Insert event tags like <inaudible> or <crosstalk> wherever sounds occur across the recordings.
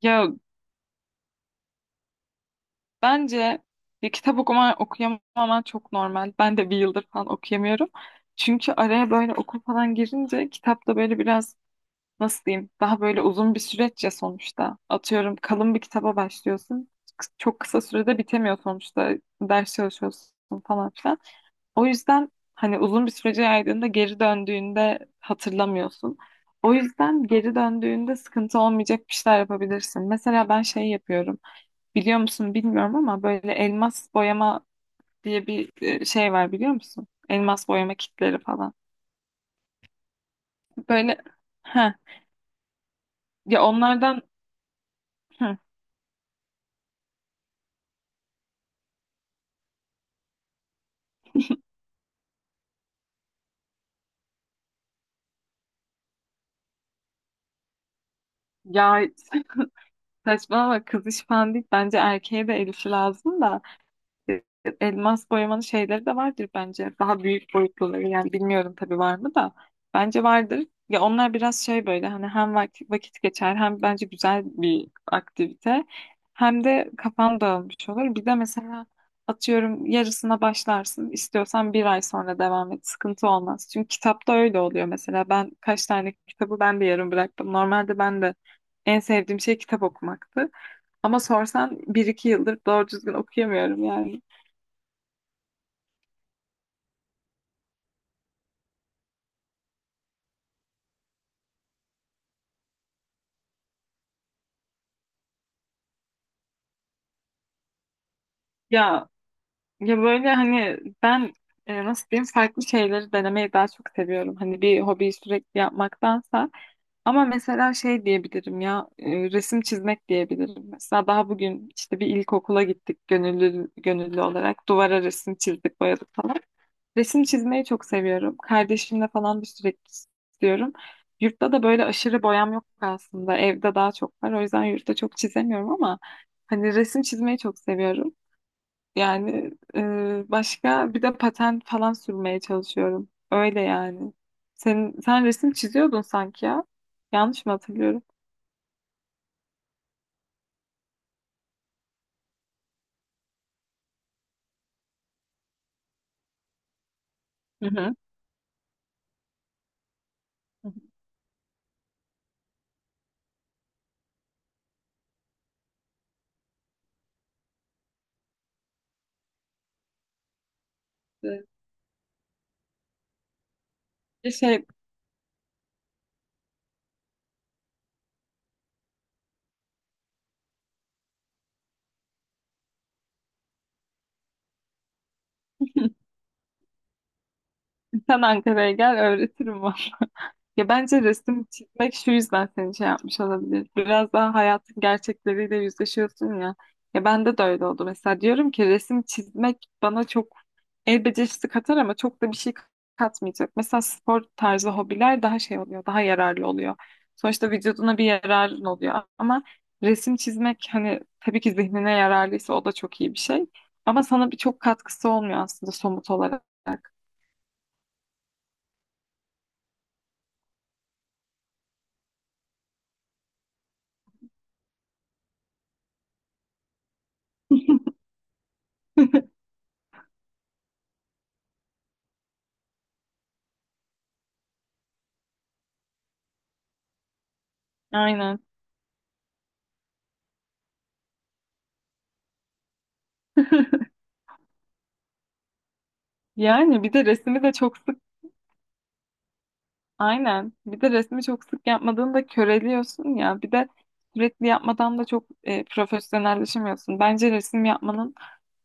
Ya bence bir kitap okuyamaman çok normal. Ben de bir yıldır falan okuyamıyorum. Çünkü araya böyle okul falan girince kitap da böyle biraz nasıl diyeyim daha böyle uzun bir süreç ya sonuçta. Atıyorum kalın bir kitaba başlıyorsun. Çok kısa sürede bitemiyor sonuçta. Ders çalışıyorsun falan filan. O yüzden hani uzun bir sürece yaydığında geri döndüğünde hatırlamıyorsun. O yüzden geri döndüğünde sıkıntı olmayacak bir şeyler yapabilirsin. Mesela ben şey yapıyorum. Biliyor musun bilmiyorum ama böyle elmas boyama diye bir şey var biliyor musun? Elmas boyama kitleri falan. Böyle ha, ya onlardan heh, ya, <laughs> saçmalama kız iş falan değil. Bence erkeğe de el işi lazım da. Elmas boyamanın şeyleri de vardır bence. Daha büyük boyutluları yani bilmiyorum tabii var mı da. Bence vardır. Ya onlar biraz şey böyle hani hem vakit geçer hem bence güzel bir aktivite hem de kafan dağılmış olur. Bir de mesela atıyorum yarısına başlarsın istiyorsan bir ay sonra devam et sıkıntı olmaz. Çünkü kitapta öyle oluyor mesela kaç tane kitabı ben de yarım bıraktım. Normalde ben de en sevdiğim şey kitap okumaktı. Ama sorsan bir iki yıldır doğru düzgün okuyamıyorum yani. Ya ya böyle hani ben nasıl diyeyim farklı şeyleri denemeyi daha çok seviyorum. Hani bir hobiyi sürekli yapmaktansa. Ama mesela şey diyebilirim ya resim çizmek diyebilirim. Mesela daha bugün işte bir ilkokula gittik gönüllü olarak duvara resim çizdik boyadık falan. Resim çizmeyi çok seviyorum. Kardeşimle falan da sürekli istiyorum. Yurtta da böyle aşırı boyam yok aslında. Evde daha çok var. O yüzden yurtta çok çizemiyorum ama hani resim çizmeyi çok seviyorum. Yani başka bir de patent falan sürmeye çalışıyorum. Öyle yani. Sen resim çiziyordun sanki ya. Yanlış mı hatırlıyorum? Hı hı. Hı hı. Evet. Bir şey, sen Ankara'ya gel öğretirim bana. <laughs> Ya bence resim çizmek şu yüzden seni şey yapmış olabilir. Biraz daha hayatın gerçekleriyle yüzleşiyorsun ya. Ya bende de öyle oldu. Mesela diyorum ki resim çizmek bana çok el becerisi katar ama çok da bir şey katmayacak. Mesela spor tarzı hobiler daha şey oluyor, daha yararlı oluyor. Sonuçta vücuduna bir yararın oluyor. Ama resim çizmek hani tabii ki zihnine yararlıysa o da çok iyi bir şey. Ama sana bir çok katkısı olmuyor aslında somut olarak. Aynen. <laughs> Yani bir de resmi de çok sık aynen. Bir de resmi çok sık yapmadığında köreliyorsun ya. Bir de sürekli yapmadan da çok profesyonelleşemiyorsun. Bence resim yapmanın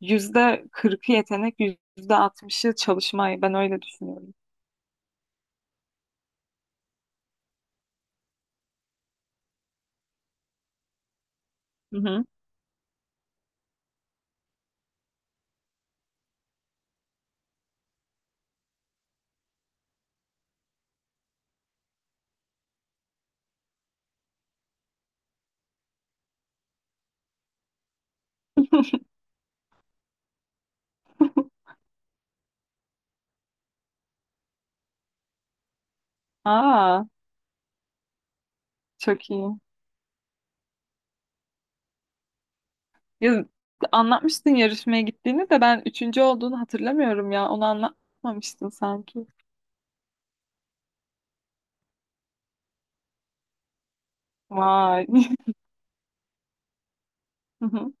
%40'ı yetenek, %60'ı çalışmayı. Ben öyle düşünüyorum. Hı hı. <laughs> Aa, çok iyi. Ya, anlatmıştın yarışmaya gittiğini de ben üçüncü olduğunu hatırlamıyorum ya. Onu anlatmamıştın sanki. Vay. <laughs> Hı hı.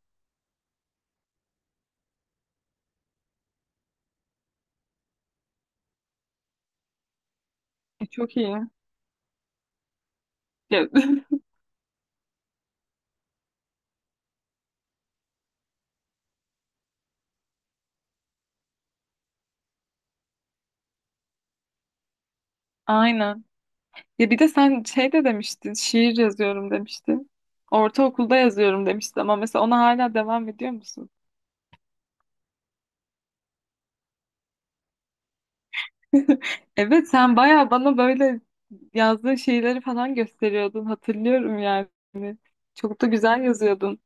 Çok iyi. Ya, <laughs> aynen. Ya bir de sen şey de demiştin, şiir yazıyorum demiştin. Ortaokulda yazıyorum demiştin ama mesela ona hala devam ediyor musun? <laughs> Evet sen bayağı bana böyle yazdığın şeyleri falan gösteriyordun. Hatırlıyorum yani. Çok da güzel yazıyordun.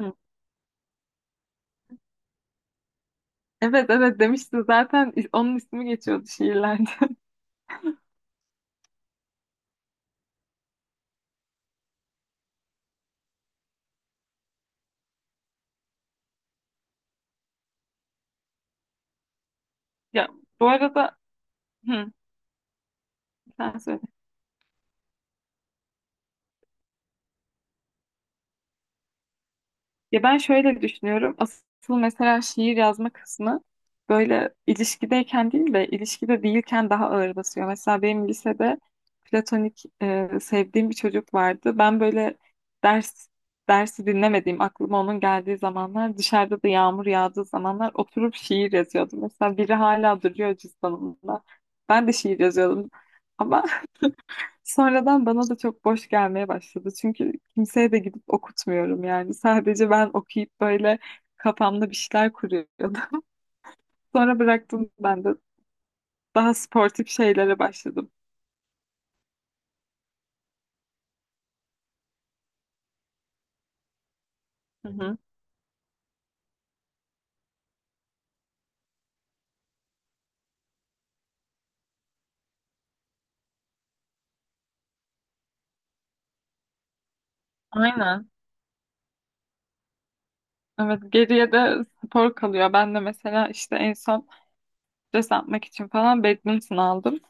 Hı. Evet evet demiştin zaten onun ismi geçiyordu şiirlerde. <laughs> Ya bu arada hı, sen söyle. Ya ben şöyle düşünüyorum. Asıl mesela şiir yazma kısmı böyle ilişkideyken değil de ilişkide değilken daha ağır basıyor. Mesela benim lisede platonik sevdiğim bir çocuk vardı. Ben böyle ders dersi dinlemediğim, aklıma onun geldiği zamanlar, dışarıda da yağmur yağdığı zamanlar oturup şiir yazıyordum. Mesela biri hala duruyor cüzdanımda. Ben de şiir yazıyordum. Ama sonradan bana da çok boş gelmeye başladı. Çünkü kimseye de gidip okutmuyorum yani. Sadece ben okuyup böyle kafamda bir şeyler kuruyordum. <laughs> Sonra bıraktım ben de. Daha sportif şeylere başladım. Hı hı. Aynen. Evet geriye de spor kalıyor. Ben de mesela işte en son stres atmak için falan badminton aldım.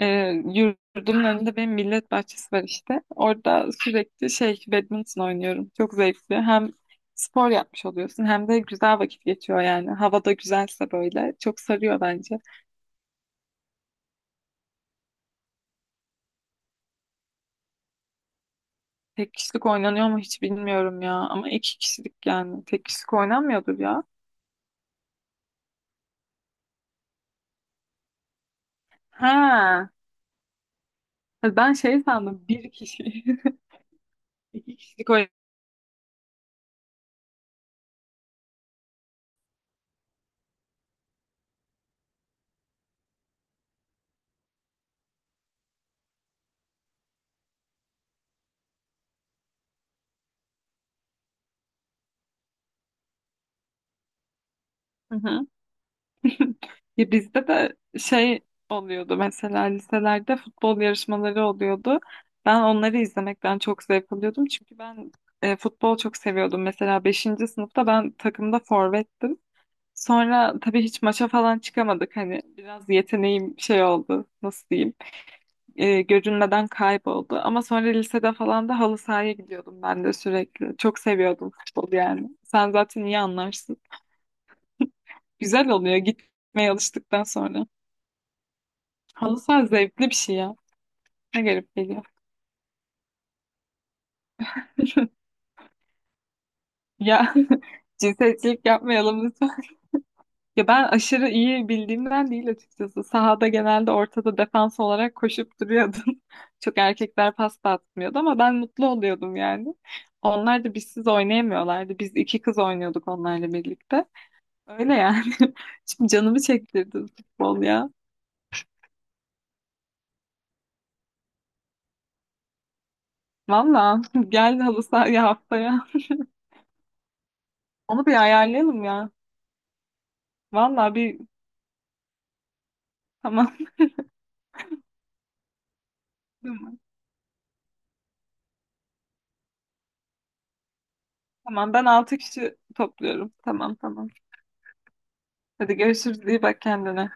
Ee, yurdumun önünde benim millet bahçesi var işte. Orada sürekli şey badminton oynuyorum. Çok zevkli. Hem spor yapmış oluyorsun hem de güzel vakit geçiyor yani. Hava da güzelse böyle çok sarıyor bence. Tek kişilik oynanıyor mu hiç bilmiyorum ya. Ama iki kişilik yani. Tek kişilik oynanmıyordur ya. Ha. Ben şey sandım bir kişi. <laughs> İki kişilik oyun. <laughs> Ya bizde de şey oluyordu mesela liselerde futbol yarışmaları oluyordu. Ben onları izlemekten çok zevk alıyordum. Çünkü ben futbol çok seviyordum. Mesela beşinci sınıfta ben takımda forvettim. Sonra tabii hiç maça falan çıkamadık. Hani biraz yeteneğim şey oldu nasıl diyeyim görünmeden kayboldu. Ama sonra lisede falan da halı sahaya gidiyordum ben de sürekli. Çok seviyordum futbolu yani. Sen zaten iyi anlarsın. Güzel oluyor gitmeye alıştıktan sonra. Halı saha zevkli bir şey ya. Ne garip geliyor. <laughs> Ya, <laughs> cinsiyetçilik yapmayalım lütfen. Ya ben aşırı iyi bildiğimden değil açıkçası. Sahada genelde ortada defans olarak koşup duruyordum. <laughs> Çok erkekler pas da atmıyordu ama ben mutlu oluyordum yani. Onlar da bizsiz oynayamıyorlardı. Biz iki kız oynuyorduk onlarla birlikte. Öyle yani. <laughs> Şimdi canımı çektirdi futbol ya. Valla <laughs> gel halı sahaya haftaya. Onu bir ayarlayalım ya. Valla bir tamam. <laughs> Tamam ben 6 kişi topluyorum. Tamam tamam. Hadi görüşürüz. İyi bak kendine.